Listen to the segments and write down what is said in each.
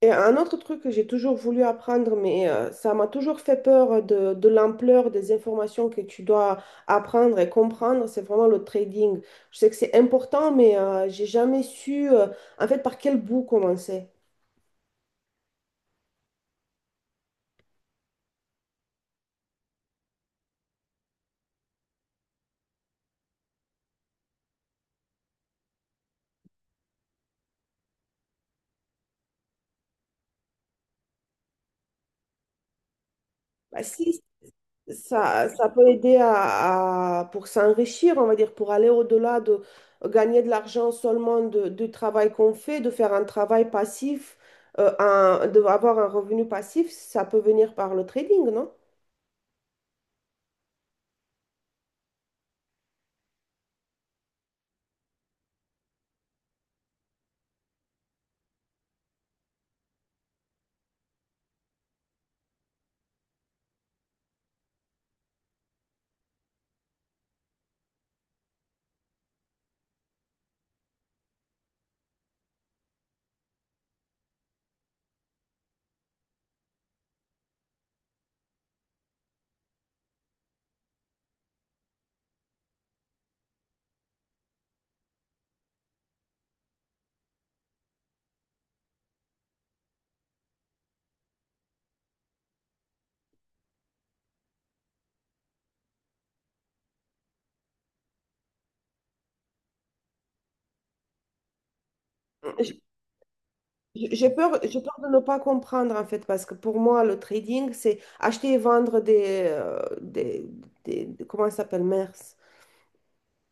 Et un autre truc que j'ai toujours voulu apprendre, mais ça m'a toujours fait peur de l'ampleur des informations que tu dois apprendre et comprendre, c'est vraiment le trading. Je sais que c'est important, mais j'ai jamais su en fait par quel bout commencer. Bah si, ça peut aider pour s'enrichir, on va dire, pour aller au-delà de gagner de l'argent seulement du travail qu'on fait, de faire un travail passif, de avoir un revenu passif, ça peut venir par le trading, non? J'ai peur de ne pas comprendre en fait, parce que pour moi, le trading, c'est acheter et vendre comment ça s'appelle, mers,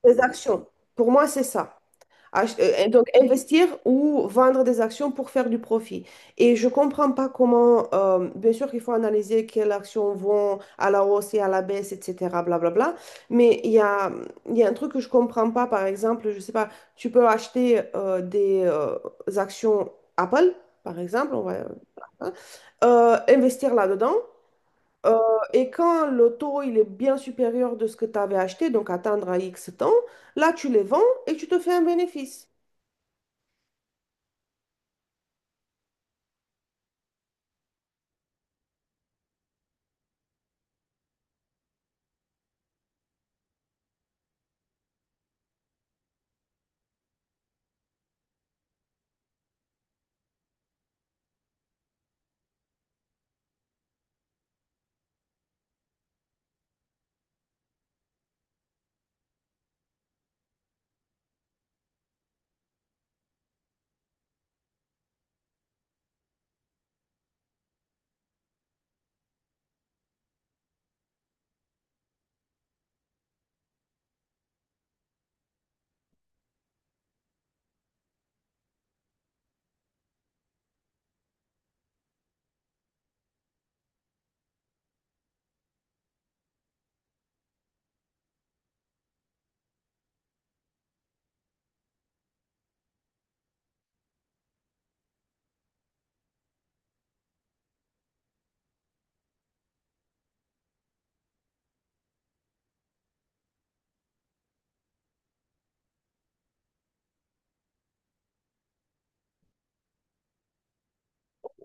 des actions. Pour moi, c'est ça. Donc, investir ou vendre des actions pour faire du profit. Et je ne comprends pas comment, bien sûr qu'il faut analyser quelles actions vont à la hausse et à la baisse, etc., blablabla. Mais il y a un truc que je ne comprends pas, par exemple, je ne sais pas, tu peux acheter des actions Apple, par exemple, on va, hein, investir là-dedans. euh, et quand le taux il est bien supérieur de ce que tu avais acheté, donc attendre à X temps, là tu les vends et tu te fais un bénéfice.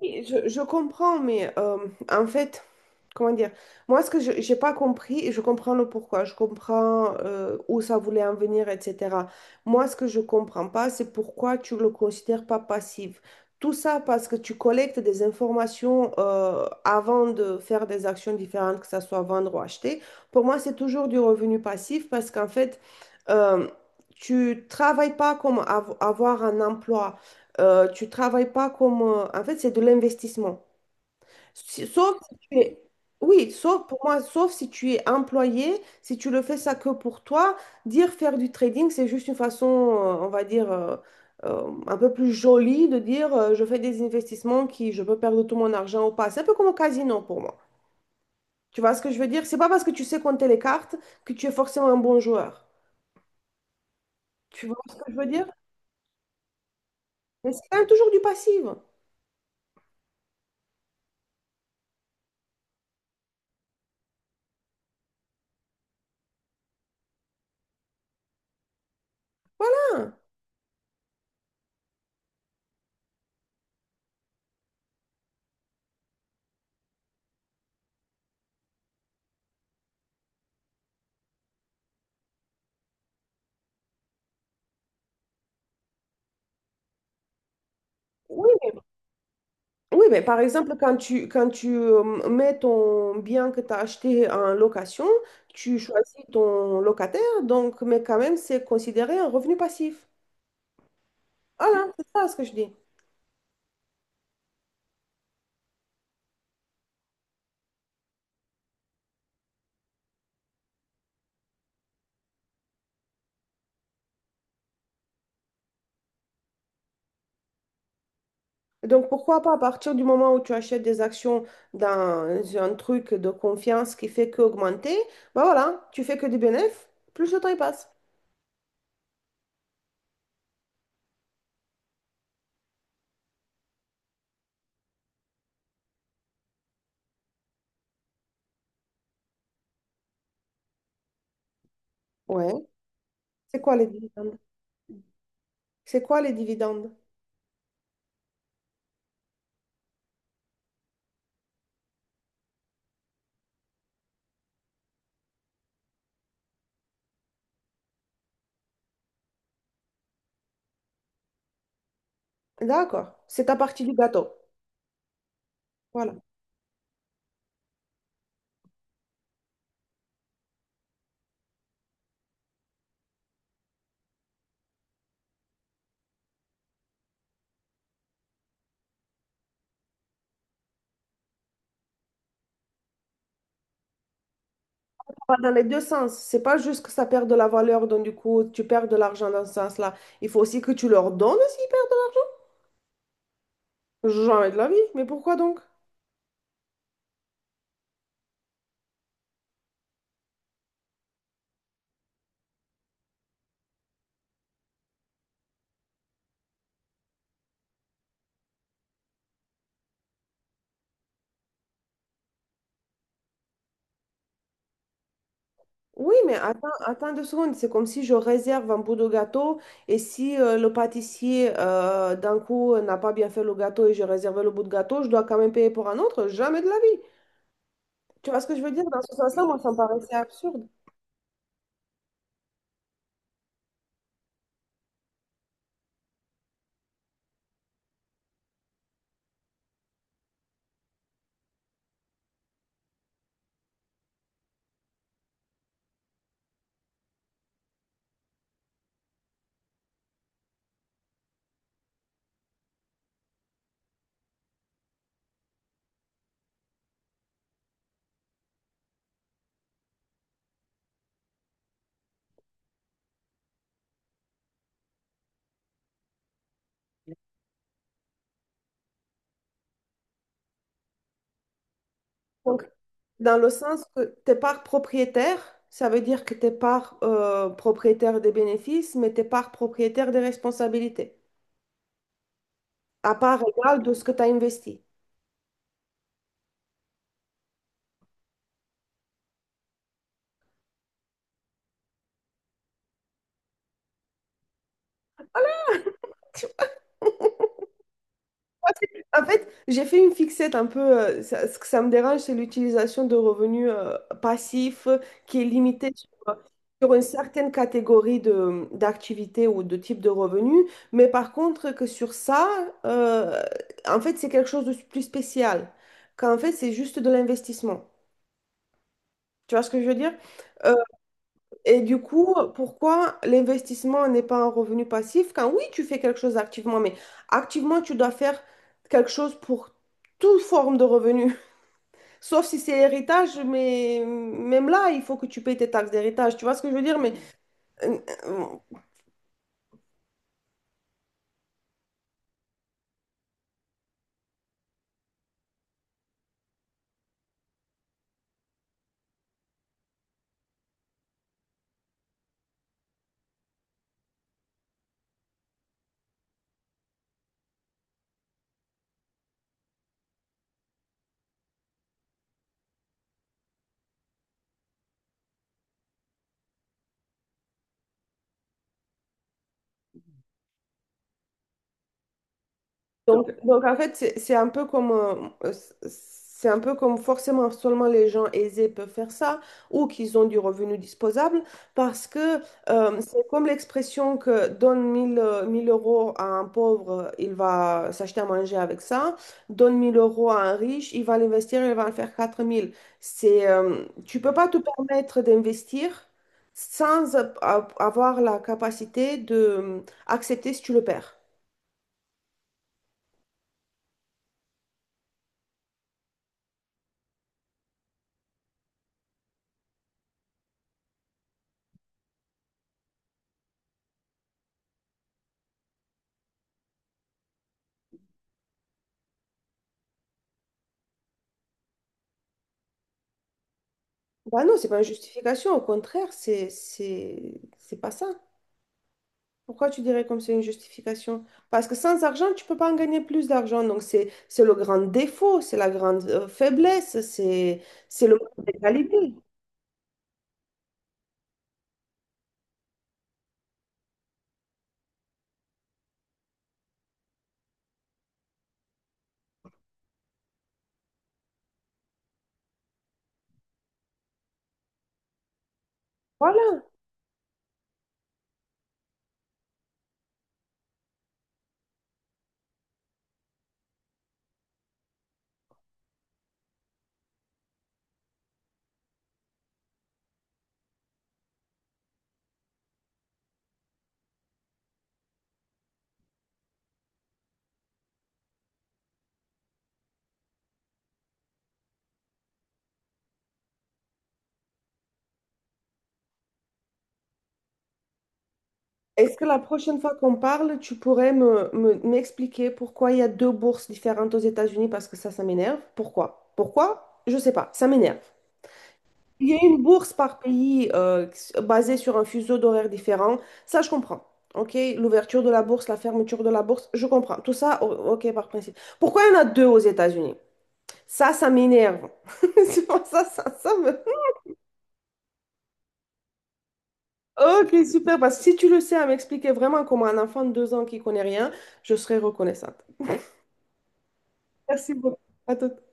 Oui, je comprends, mais en fait, comment dire, moi, ce que je j'ai pas compris, et je comprends le pourquoi, je comprends où ça voulait en venir, etc. Moi, ce que je comprends pas, c'est pourquoi tu le considères pas passif. Tout ça parce que tu collectes des informations avant de faire des actions différentes, que ça soit vendre ou acheter. Pour moi, c'est toujours du revenu passif parce qu'en fait, euh, tu travailles pas comme avoir un emploi. Tu travailles pas comme, en fait, c'est de l'investissement. Sauf si tu es... Oui, sauf pour moi, sauf si tu es employé, si tu le fais ça que pour toi, dire faire du trading, c'est juste une façon, on va dire, un peu plus jolie de dire je fais des investissements qui je peux perdre tout mon argent ou pas. C'est un peu comme au casino pour moi. Tu vois ce que je veux dire? C'est pas parce que tu sais compter les cartes que tu es forcément un bon joueur. Tu vois ce que je veux dire? Mais c'est quand même toujours du passif. Oui. Oui, mais par exemple, quand tu mets ton bien que tu as acheté en location, tu choisis ton locataire, donc, mais quand même, c'est considéré un revenu passif. Voilà, c'est ça ce que je dis. Donc, pourquoi pas, à partir du moment où tu achètes des actions dans un truc de confiance qui fait qu'augmenter, bah voilà, tu fais que des bénéfices, plus le temps il passe. Ouais. C'est quoi les dividendes? C'est quoi les dividendes? D'accord, c'est ta partie du gâteau. Voilà. Ça va dans les deux sens, c'est pas juste que ça perd de la valeur, donc du coup tu perds de l'argent dans ce sens-là. Il faut aussi que tu leur donnes aussi. Jamais de la vie, mais pourquoi donc? Oui, mais attends 2 secondes. C'est comme si je réserve un bout de gâteau et si le pâtissier, d'un coup, n'a pas bien fait le gâteau et j'ai réservé le bout de gâteau, je dois quand même payer pour un autre. Jamais de la vie. Tu vois ce que je veux dire? Dans ce sens-là, moi, ça me paraissait absurde. Donc, dans le sens que t'es part propriétaire, ça veut dire que t'es part propriétaire des bénéfices, mais t'es part propriétaire des responsabilités, à part égale de ce que tu as investi. En fait, j'ai fait une fixette un peu. Ce que ça me dérange, c'est l'utilisation de revenus passifs qui est limitée sur, sur une certaine catégorie d'activités ou de type de revenus. Mais par contre, que sur ça, euh, en fait, c'est quelque chose de plus spécial. Qu'en fait, c'est juste de l'investissement. Tu vois ce que je veux dire? Et du coup, pourquoi l'investissement n'est pas un revenu passif? Quand oui, tu fais quelque chose activement, mais activement, tu dois faire quelque chose pour toute forme de revenu. Sauf si c'est héritage, mais même là, il faut que tu payes tes taxes d'héritage. Tu vois ce que je veux dire? Mais euh, euh, donc en fait, c'est un peu comme, euh, c'est un peu comme forcément seulement les gens aisés peuvent faire ça ou qu'ils ont du revenu disposable parce que c'est comme l'expression que donne 1000 1 000 € à un pauvre, il va s'acheter à manger avec ça, donne 1 000 € à un riche, il va l'investir, il va en faire 4 000. C'est, tu peux pas te permettre d'investir sans avoir la capacité de accepter si tu le perds. Bah non, c'est pas une justification, au contraire, c'est pas ça. Pourquoi tu dirais comme c'est une justification? Parce que sans argent, tu peux pas en gagner plus d'argent. Donc c'est le grand défaut, c'est la grande faiblesse, c'est le manque d'égalité. Voilà. Est-ce que la prochaine fois qu'on parle, tu pourrais m'expliquer pourquoi il y a deux bourses différentes aux États-Unis? Parce que ça m'énerve. Pourquoi? Pourquoi? Je sais pas, ça m'énerve. Il y a une bourse par pays basée sur un fuseau d'horaires différent. Ça, je comprends. OK, l'ouverture de la bourse, la fermeture de la bourse, je comprends. Tout ça, OK, par principe. Pourquoi il y en a deux aux États-Unis? Ça m'énerve. C'est pour ça, me... OK, super. Parce que si tu le sais à m'expliquer vraiment comment un enfant de 2 ans qui connaît rien, je serais reconnaissante. Merci beaucoup. À tout.